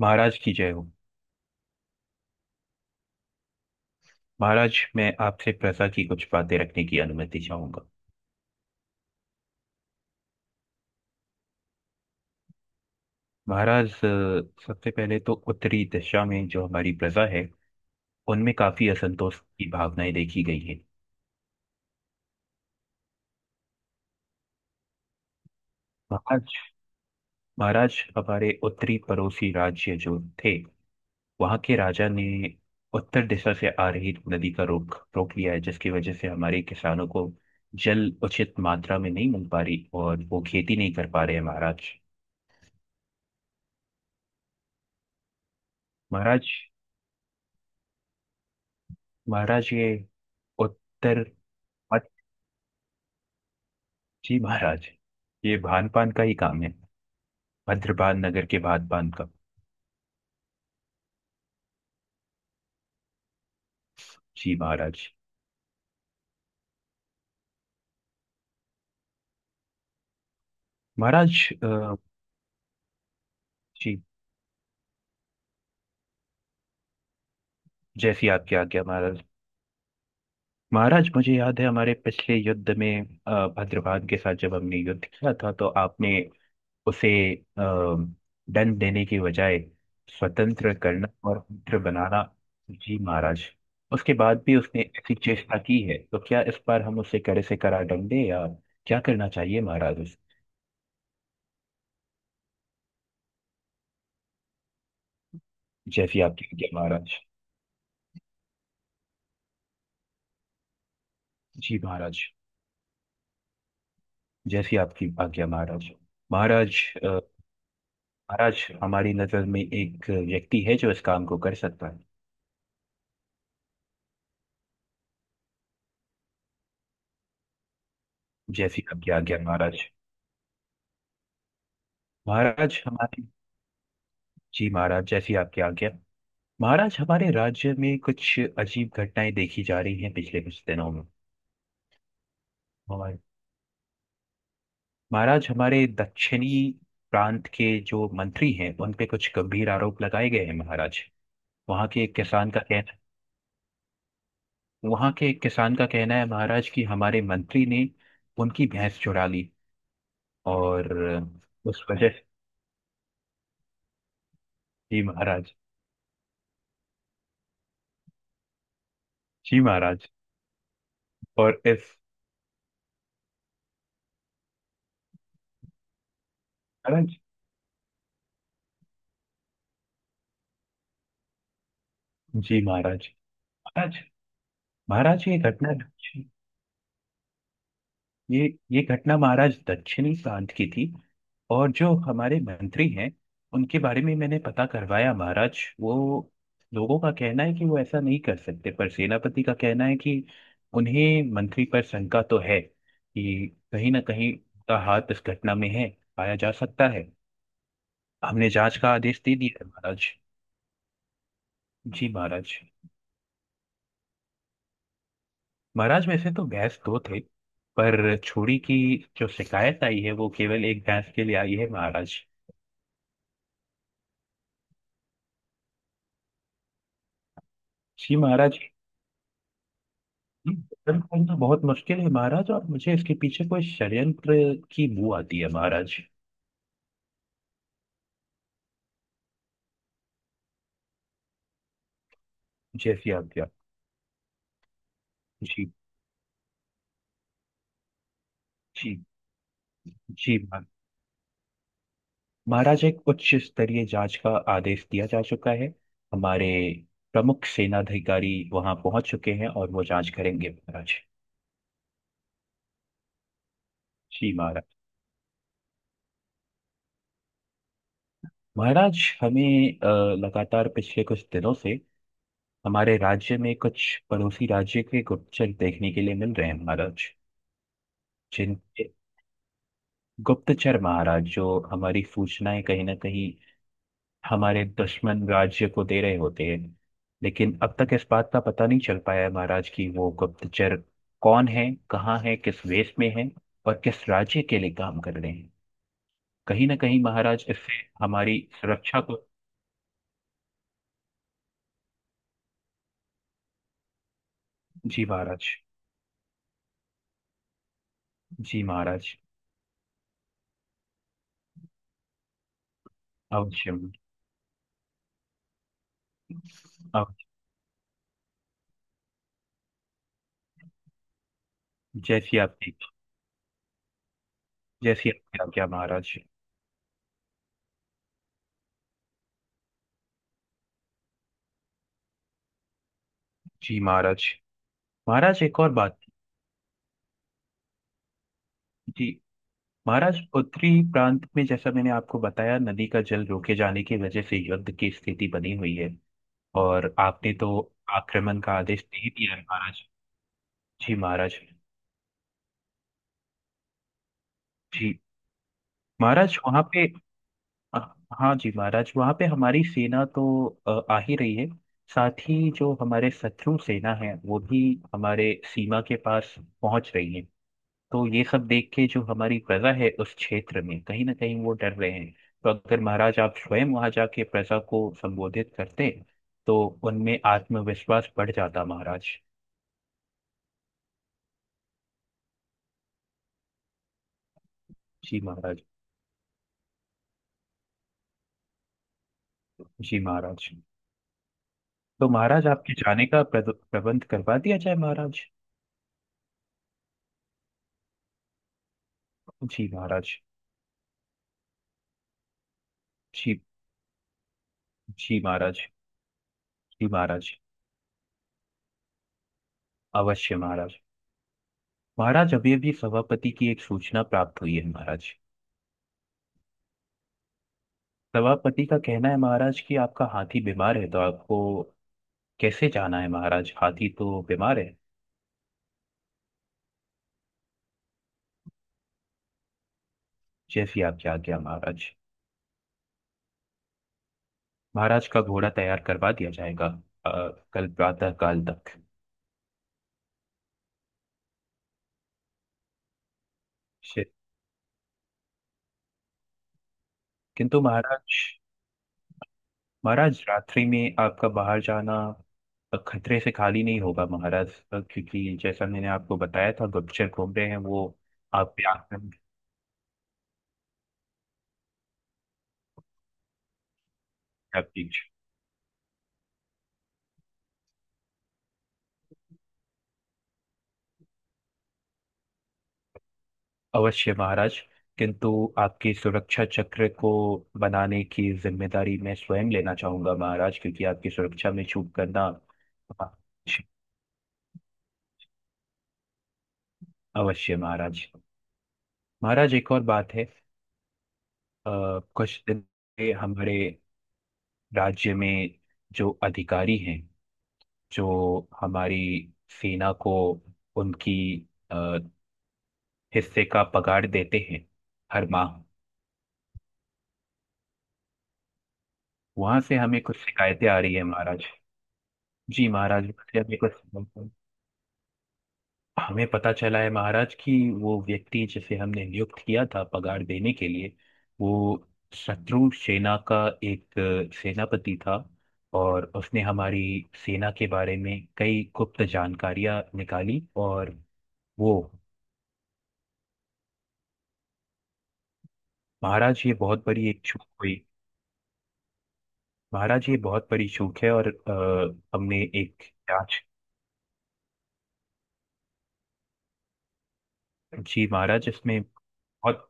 महाराज की जय हो। महाराज, मैं आपसे प्रजा की कुछ बातें रखने की अनुमति चाहूंगा। महाराज, सबसे पहले तो उत्तरी दिशा में जो हमारी प्रजा है उनमें काफी असंतोष की भावनाएं देखी गई है। महाराज, हमारे उत्तरी पड़ोसी राज्य जो थे, वहां के राजा ने उत्तर दिशा से आ रही नदी का रोक रोक लिया है, जिसकी वजह से हमारे किसानों को जल उचित मात्रा में नहीं मिल पा रही और वो खेती नहीं कर पा रहे हैं महाराज। महाराज, ये उत्तर। अच्छा। जी महाराज, ये भान पान का ही काम है, भद्रपाल नगर के भान पान का। जी महाराज। महाराज, अ, जी। जैसी आपकी आज्ञा महाराज। महाराज, मुझे याद है हमारे पिछले युद्ध में भद्रपाल के साथ जब हमने युद्ध किया था तो आपने उसे दंड देने की बजाय स्वतंत्र करना और मित्र बनाना। जी महाराज, उसके बाद भी उसने ऐसी चेष्टा की है तो क्या इस बार हम उसे कड़े से कड़ा दंड दें या क्या करना चाहिए महाराज? जैसी आपकी आज्ञा महाराज। जी महाराज, जैसी आपकी आज्ञा महाराज। महाराज, अ, महाराज, हमारी नजर में एक व्यक्ति है जो इस काम को कर सकता है। जैसी आपकी आज्ञा महाराज। महाराज, हमारे... जी महाराज, जैसी आपकी आज्ञा। महाराज, हमारे राज्य में कुछ अजीब घटनाएं देखी जा रही हैं पिछले कुछ दिनों में। हमारे... महाराज, हमारे दक्षिणी प्रांत के जो मंत्री हैं उन पे कुछ गंभीर आरोप लगाए गए हैं महाराज। वहाँ के एक किसान का कहना... वहां के एक किसान का कहना है महाराज कि हमारे मंत्री ने उनकी भैंस चुरा ली, और उस वजह से... जी महाराज। जी महाराज। और इस... महाराज। जी महाराज। महाराज, महाराज ये घटना दक्षिण- ये घटना महाराज दक्षिणी प्रांत की थी, और जो हमारे मंत्री हैं उनके बारे में मैंने पता करवाया महाराज। वो... लोगों का कहना है कि वो ऐसा नहीं कर सकते, पर सेनापति का कहना है कि उन्हें मंत्री पर शंका तो है कि कहीं ना कहीं उनका हाथ इस घटना में है, पाया जा सकता है। हमने जांच का आदेश दे दिया है महाराज। जी महाराज। महाराज, वैसे तो भैंस दो थे पर छोड़ी की जो शिकायत आई है वो केवल एक भैंस के लिए आई है महाराज। जी महाराज। उत्तराखंड तो बहुत मुश्किल है महाराज, और मुझे इसके पीछे कोई षड्यंत्र की बू आती है महाराज। जैसी आज्ञा। जी। जी। जी महाराज। महाराज, एक उच्च स्तरीय जांच का आदेश दिया जा चुका है। हमारे प्रमुख सेनाधिकारी वहां पहुंच चुके हैं और वो जांच करेंगे महाराज। जी महाराज। महाराज, हमें लगातार पिछले कुछ दिनों से हमारे राज्य में कुछ पड़ोसी राज्य के गुप्तचर देखने के लिए मिल रहे हैं महाराज। जिन... गुप्तचर महाराज जो हमारी सूचनाएं कहीं ना कहीं हमारे दुश्मन राज्य को दे रहे होते हैं। लेकिन अब तक इस बात का पता नहीं चल पाया है महाराज कि वो गुप्तचर कौन है, कहाँ है, किस वेश में है और किस राज्य के लिए काम कर रहे हैं। कहीं ना कहीं महाराज इससे हमारी सुरक्षा को... जी महाराज। जी महाराज। अवश्य। अवश्य। जैसी आपकी जैसी आपकी आज्ञा महाराज। जी महाराज। महाराज, एक और बात। जी। महाराष्ट्र उत्तरी प्रांत में जैसा मैंने आपको बताया, नदी का जल रोके जाने की वजह से युद्ध की स्थिति बनी हुई है, और आपने तो आक्रमण का आदेश दे दिया है महाराज। जी महाराज। जी महाराज, वहाँ पे... हाँ जी महाराज, वहाँ पे हमारी सेना तो आ ही रही है। साथ ही जो हमारे शत्रु सेना है वो भी हमारे सीमा के पास पहुंच रही है। तो ये सब देख के जो हमारी प्रजा है उस क्षेत्र में कहीं ना कहीं वो डर रहे हैं। तो अगर महाराज आप स्वयं वहां जाके प्रजा को संबोधित करते तो उनमें आत्मविश्वास बढ़ जाता महाराज। जी महाराज। जी महाराज। तो महाराज, आपके जाने का प्रबंध करवा दिया जाए महाराज। जी महाराज। जी। जी महाराज। जी महाराज। अवश्य महाराज। महाराज, अभी अभी सभापति की एक सूचना प्राप्त हुई है महाराज। सभापति का कहना है महाराज कि आपका हाथी बीमार है, तो आपको कैसे जाना है महाराज? हाथी तो बीमार है। जैसी आपकी आज्ञा महाराज। महाराज का घोड़ा तैयार करवा दिया जाएगा अ, कल प्रातः काल तक। शे- किंतु महाराज, महाराज रात्रि में आपका बाहर जाना खतरे से खाली नहीं होगा महाराज, क्योंकि जैसा मैंने आपको बताया था गुप्तचर घूम रहे हैं, वो आप पे आक्रमण... अवश्य महाराज। किंतु आपकी सुरक्षा चक्र को बनाने की जिम्मेदारी मैं स्वयं लेना चाहूंगा महाराज, क्योंकि आपकी सुरक्षा में चूक करना... अवश्य महाराज। महाराज, एक और बात है। कुछ दिन से हमारे राज्य में जो अधिकारी हैं, जो हमारी सेना को उनकी अ, हिस्से का पगार देते हैं हर माह, वहां से हमें कुछ शिकायतें आ रही है महाराज। जी महाराज, मुझे हमें कुछ हमें पता चला है महाराज कि वो व्यक्ति जिसे हमने नियुक्त किया था पगार देने के लिए, वो शत्रु सेना का एक सेनापति था, और उसने हमारी सेना के बारे में कई गुप्त जानकारियां निकाली और... वो... महाराज ये बहुत बड़ी एक चूक हुई। महाराज ये बहुत बड़ी चूक है, और हमने एक जांच... जी महाराज, इसमें... बहुत...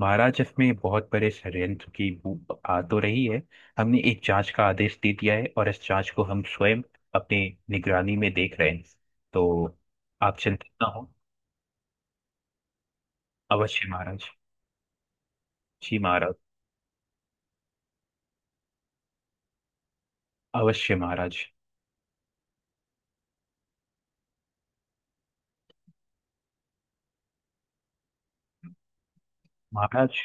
महाराज में बहुत बड़े षड्यंत्र की बू आ तो रही है। हमने एक जांच का आदेश दे दिया है और इस जांच को हम स्वयं अपने निगरानी में देख रहे हैं। तो आप चिंतित ना हो। अवश्य महाराज। जी महाराज। अवश्य महाराज। महाराज,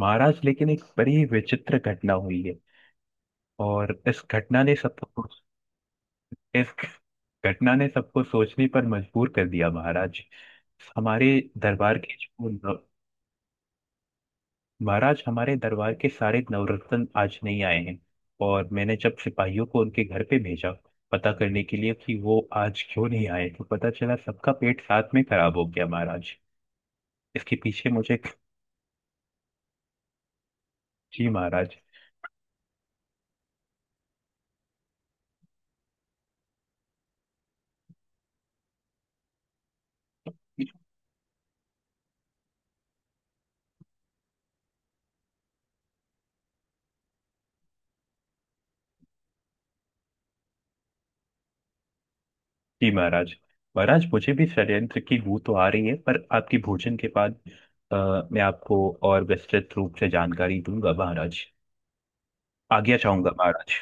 लेकिन एक बड़ी विचित्र घटना हुई है, और इस घटना ने सबको... इस घटना ने सबको सोचने पर मजबूर कर दिया महाराज। हमारे दरबार के जो... महाराज, हमारे दरबार के सारे नवरत्न आज नहीं आए हैं। और मैंने जब सिपाहियों को उनके घर पे भेजा पता करने के लिए कि वो आज क्यों नहीं आए, तो पता चला सबका पेट साथ में खराब हो गया महाराज। इसके पीछे मुझे... जी महाराज। जी महाराज। महाराज, मुझे भी षड्यंत्र की बू तो आ रही है, पर आपके भोजन के बाद मैं आपको और विस्तृत रूप से जानकारी दूंगा महाराज। आज्ञा चाहूंगा महाराज।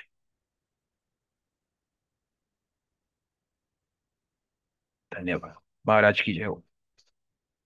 धन्यवाद। महाराज की जय हो।